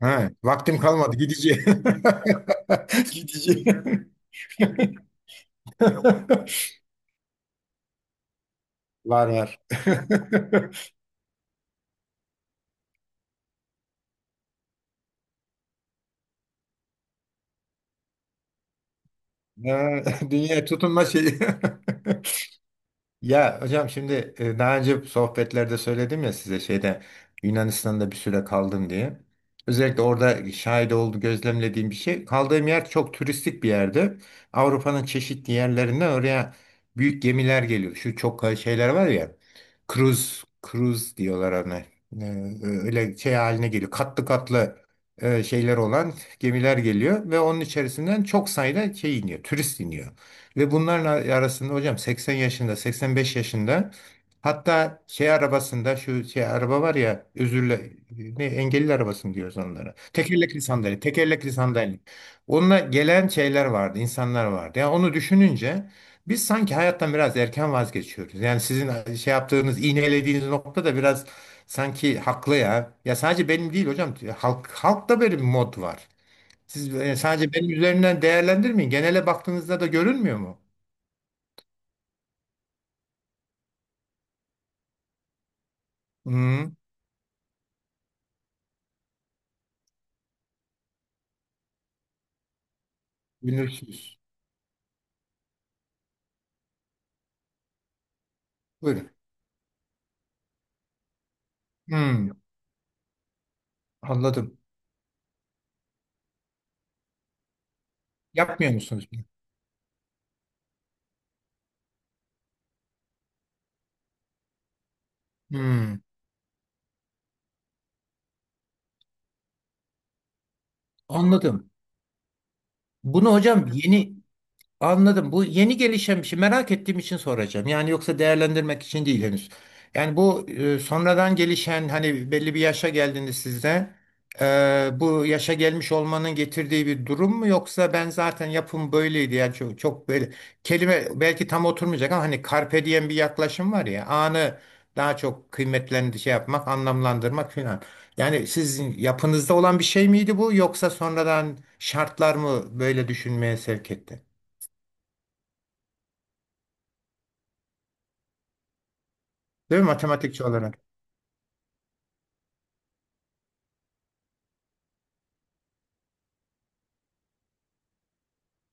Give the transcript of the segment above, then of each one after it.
Ha, vaktim kalmadı gideceğim. Gideceğim. Var var. Ha, dünya tutunma şeyi. Ya hocam şimdi daha önce sohbetlerde söyledim ya size şeyde Yunanistan'da bir süre kaldım diye. Özellikle orada şahit oldu gözlemlediğim bir şey. Kaldığım yer çok turistik bir yerdi. Avrupa'nın çeşitli yerlerinden oraya büyük gemiler geliyor. Şu çok şeyler var ya. Cruise, cruise diyorlar ona. Öyle şey haline geliyor. Katlı katlı şeyler olan gemiler geliyor ve onun içerisinden çok sayıda şey iniyor. Turist iniyor. Ve bunlarla arasında hocam 80 yaşında, 85 yaşında hatta şey arabasında şu şey araba var ya özürle ne engelli arabası mı diyoruz onlara. Tekerlekli sandalye, tekerlekli sandalye. Onunla gelen şeyler vardı, insanlar vardı. Yani onu düşününce biz sanki hayattan biraz erken vazgeçiyoruz. Yani sizin şey yaptığınız, iğnelediğiniz nokta da biraz sanki haklı ya. Ya sadece benim değil hocam. Halk, halkta böyle bir mod var. Siz sadece benim üzerinden değerlendirmeyin. Genele baktığınızda da görünmüyor mu? Hmm, bilmiyorsunuz. Buyurun. Hmm, anladım. Yapmıyor musunuz bunu? Hmm, anladım. Bunu hocam yeni anladım. Bu yeni gelişen bir şey. Merak ettiğim için soracağım. Yani yoksa değerlendirmek için değil henüz. Yani bu sonradan gelişen hani belli bir yaşa geldiğinde sizde bu yaşa gelmiş olmanın getirdiği bir durum mu yoksa ben zaten yapım böyleydi yani çok böyle kelime belki tam oturmayacak ama hani carpe diem bir yaklaşım var ya anı daha çok kıymetlendi şey yapmak anlamlandırmak filan. Yani sizin yapınızda olan bir şey miydi bu yoksa sonradan şartlar mı böyle düşünmeye sevk etti? Değil mi? Matematikçi olarak.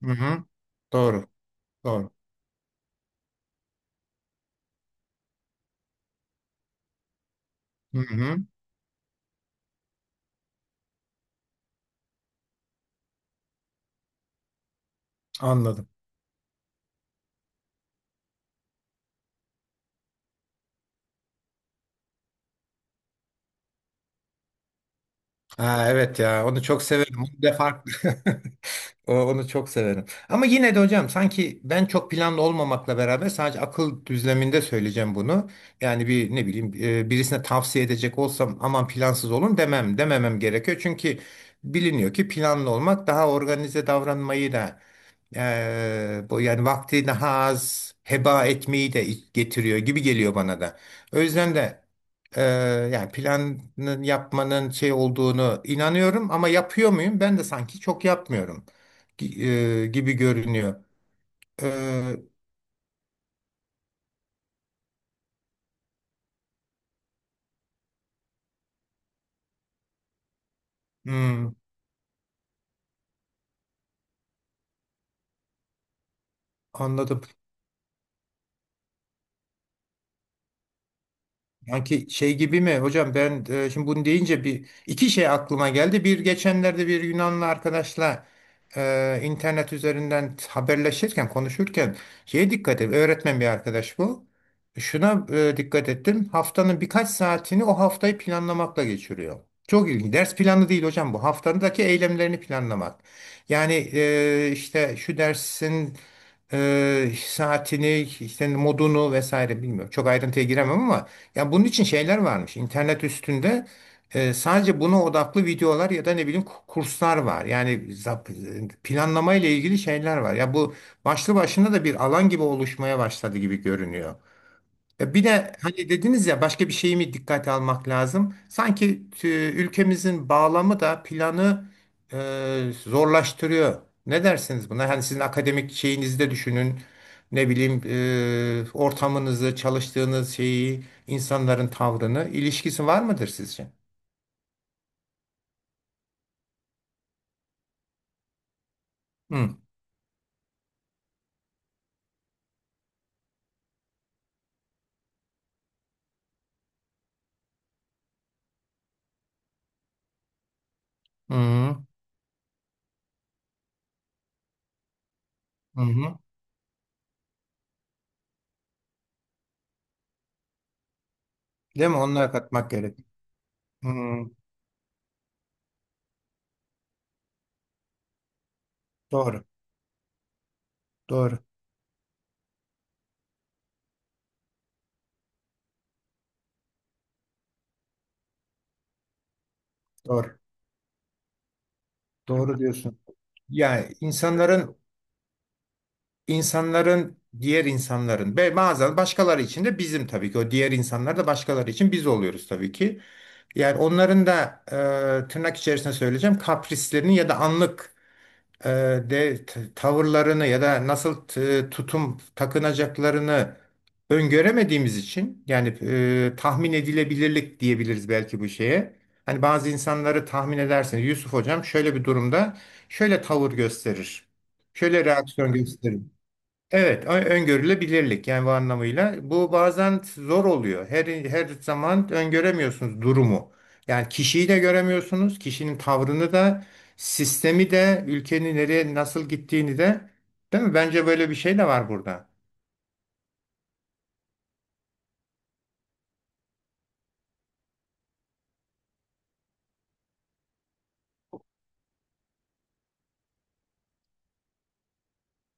Hı hı. Doğru. Doğru. Hı hı. Anladım. Ha, evet ya onu çok severim. Onu da farklı. Onu çok severim. Ama yine de hocam sanki ben çok planlı olmamakla beraber sadece akıl düzleminde söyleyeceğim bunu. Yani bir ne bileyim birisine tavsiye edecek olsam aman plansız olun demem dememem gerekiyor. Çünkü biliniyor ki planlı olmak daha organize davranmayı da bu yani vaktini heba etmeyi de getiriyor gibi geliyor bana da. O yüzden de eee, yani planın yapmanın şey olduğunu inanıyorum ama yapıyor muyum? Ben de sanki çok yapmıyorum gibi görünüyor. Eee, hmm, anladım. Yani şey gibi mi hocam ben şimdi bunu deyince bir iki şey aklıma geldi. Bir geçenlerde bir Yunanlı arkadaşla internet üzerinden haberleşirken konuşurken şeye dikkat et. Öğretmen bir arkadaş bu. Şuna dikkat ettim. Haftanın birkaç saatini o haftayı planlamakla geçiriyor. Çok ilginç. Ders planı değil hocam bu. Haftadaki eylemlerini planlamak. Yani işte şu dersin saatini, işte modunu vesaire bilmiyorum. Çok ayrıntıya giremem ama ya bunun için şeyler varmış. İnternet üstünde sadece buna odaklı videolar ya da ne bileyim kurslar var. Yani planlama ile ilgili şeyler var. Ya bu başlı başına da bir alan gibi oluşmaya başladı gibi görünüyor. Ya bir de hani dediniz ya başka bir şeyi mi dikkate almak lazım? Sanki ülkemizin bağlamı da planı zorlaştırıyor. Ne dersiniz buna? Hani sizin akademik şeyinizi de düşünün. Ne bileyim ortamınızı, çalıştığınız şeyi, insanların tavrını ilişkisi var mıdır sizce? Hı. Hı hı. Hı hı. Değil mi? Onlara katmak gerek. Hı. Doğru. Doğru. Doğru. Doğru diyorsun. Yani insanların İnsanların diğer insanların ve bazen başkaları için de bizim tabii ki o diğer insanlar da başkaları için biz oluyoruz tabii ki. Yani onların da tırnak içerisinde söyleyeceğim kaprislerini ya da anlık e, tavırlarını ya da nasıl tutum takınacaklarını öngöremediğimiz için yani tahmin edilebilirlik diyebiliriz belki bu şeye. Hani bazı insanları tahmin edersiniz. Yusuf hocam şöyle bir durumda şöyle tavır gösterir. Şöyle reaksiyon gösterir. Evet, öngörülebilirlik yani bu anlamıyla. Bu bazen zor oluyor. Her zaman öngöremiyorsunuz durumu. Yani kişiyi de göremiyorsunuz, kişinin tavrını da, sistemi de, ülkenin nereye nasıl gittiğini de. Değil mi? Bence böyle bir şey de var burada.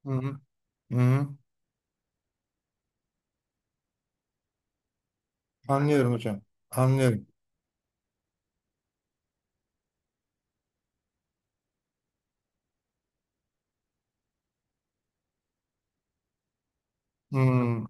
Hı hı. Hı hı. Anlıyorum hocam. Anlıyorum. Hı,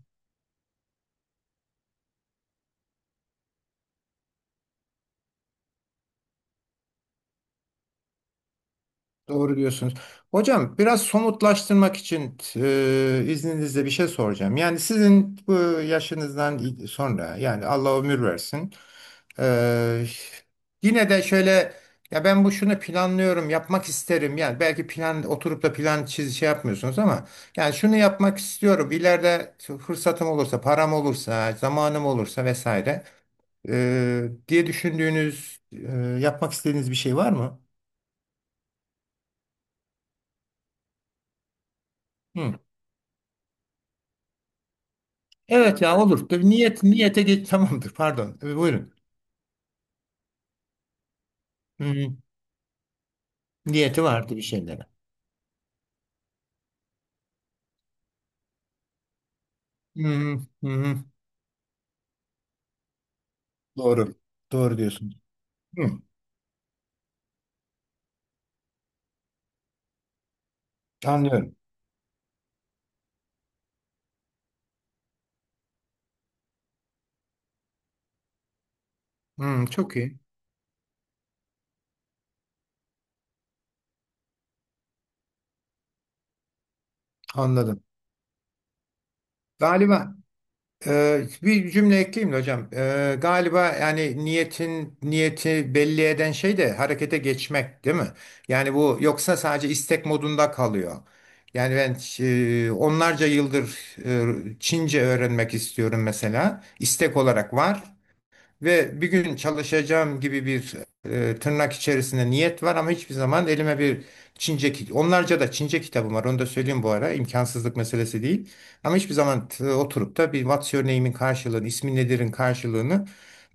doğru diyorsunuz. Hocam biraz somutlaştırmak için izninizle bir şey soracağım. Yani sizin bu yaşınızdan sonra yani Allah ömür versin. Ee, Yine de şöyle ya ben bu şunu planlıyorum yapmak isterim yani belki plan oturup da plan çiz şey yapmıyorsunuz ama yani şunu yapmak istiyorum ileride fırsatım olursa param olursa zamanım olursa vesaire diye düşündüğünüz yapmak istediğiniz bir şey var mı? Hı. Evet ya olur. Tabii niyet niyete geç. Tamamdır, pardon. Buyurun. Hı hı. Niyeti vardı bir şeylere. Hı hı. Hı hı. Doğru. Doğru diyorsunuz. Hı. Anlıyorum. Hı, çok iyi. Anladım. Galiba bir cümle ekleyeyim de hocam. Galiba yani niyetin niyeti belli eden şey de harekete geçmek değil mi? Yani bu yoksa sadece istek modunda kalıyor. Yani ben onlarca yıldır Çince öğrenmek istiyorum mesela. İstek olarak var. Ve bir gün çalışacağım gibi bir tırnak içerisinde niyet var ama hiçbir zaman elime bir Çince, onlarca da Çince kitabım var. Onu da söyleyeyim bu ara. İmkansızlık meselesi değil. Ama hiçbir zaman oturup da bir what's your name'in karşılığını, ismin nedir'in karşılığını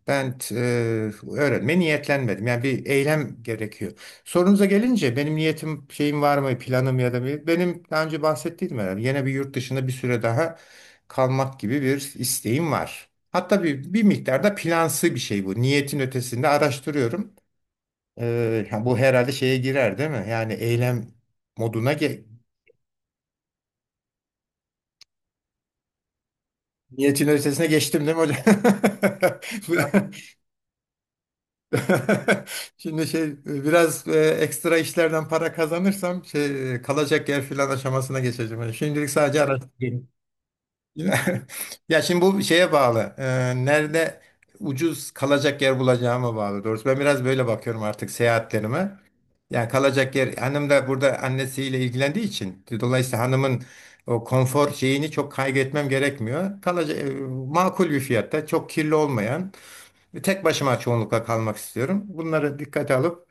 ben t- e, öğrenmeye niyetlenmedim. Yani bir eylem gerekiyor. Sorunuza gelince benim niyetim, şeyim var mı, planım ya da bir, benim daha önce bahsettiğim herhalde. Yine bir yurt dışında bir süre daha kalmak gibi bir isteğim var. Hatta bir, bir miktarda plansı bir şey bu. Niyetin ötesinde araştırıyorum. Ha, Bu herhalde şeye girer değil mi? Yani eylem moduna niyetin ötesine geçtim değil mi hocam? Şimdi şey biraz ekstra işlerden para kazanırsam şey kalacak yer filan aşamasına geçeceğim. Yani şimdilik sadece araştırıyorum. Yine- Ya şimdi bu şeye bağlı. Nerede ucuz kalacak yer bulacağıma bağlı. Doğrusu ben biraz böyle bakıyorum artık seyahatlerime. Yani kalacak yer hanım da burada annesiyle ilgilendiği için dolayısıyla hanımın o konfor şeyini çok kaygı gerekmiyor. Kalacak makul bir fiyatta, çok kirli olmayan tek başıma çoğunlukla kalmak istiyorum. Bunları dikkate alıp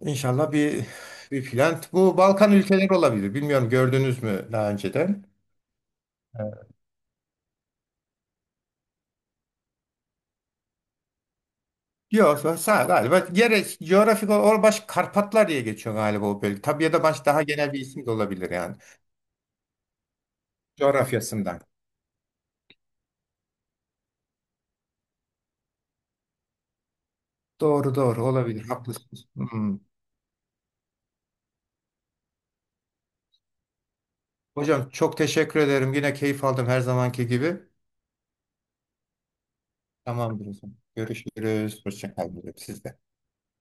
inşallah bir bir plan. Bu Balkan ülkeleri olabilir. Bilmiyorum gördünüz mü daha önceden? Yok sağ galiba gerek coğrafik olarak baş Karpatlar diye geçiyor galiba o bölge. Tabii ya da baş daha genel bir isim de olabilir yani coğrafyasından. Doğru doğru olabilir haklısınız. Hmm. Hocam çok teşekkür ederim. Yine keyif aldım her zamanki gibi. Tamamdır o zaman. Görüşürüz. Hoşça kalın. Siz de.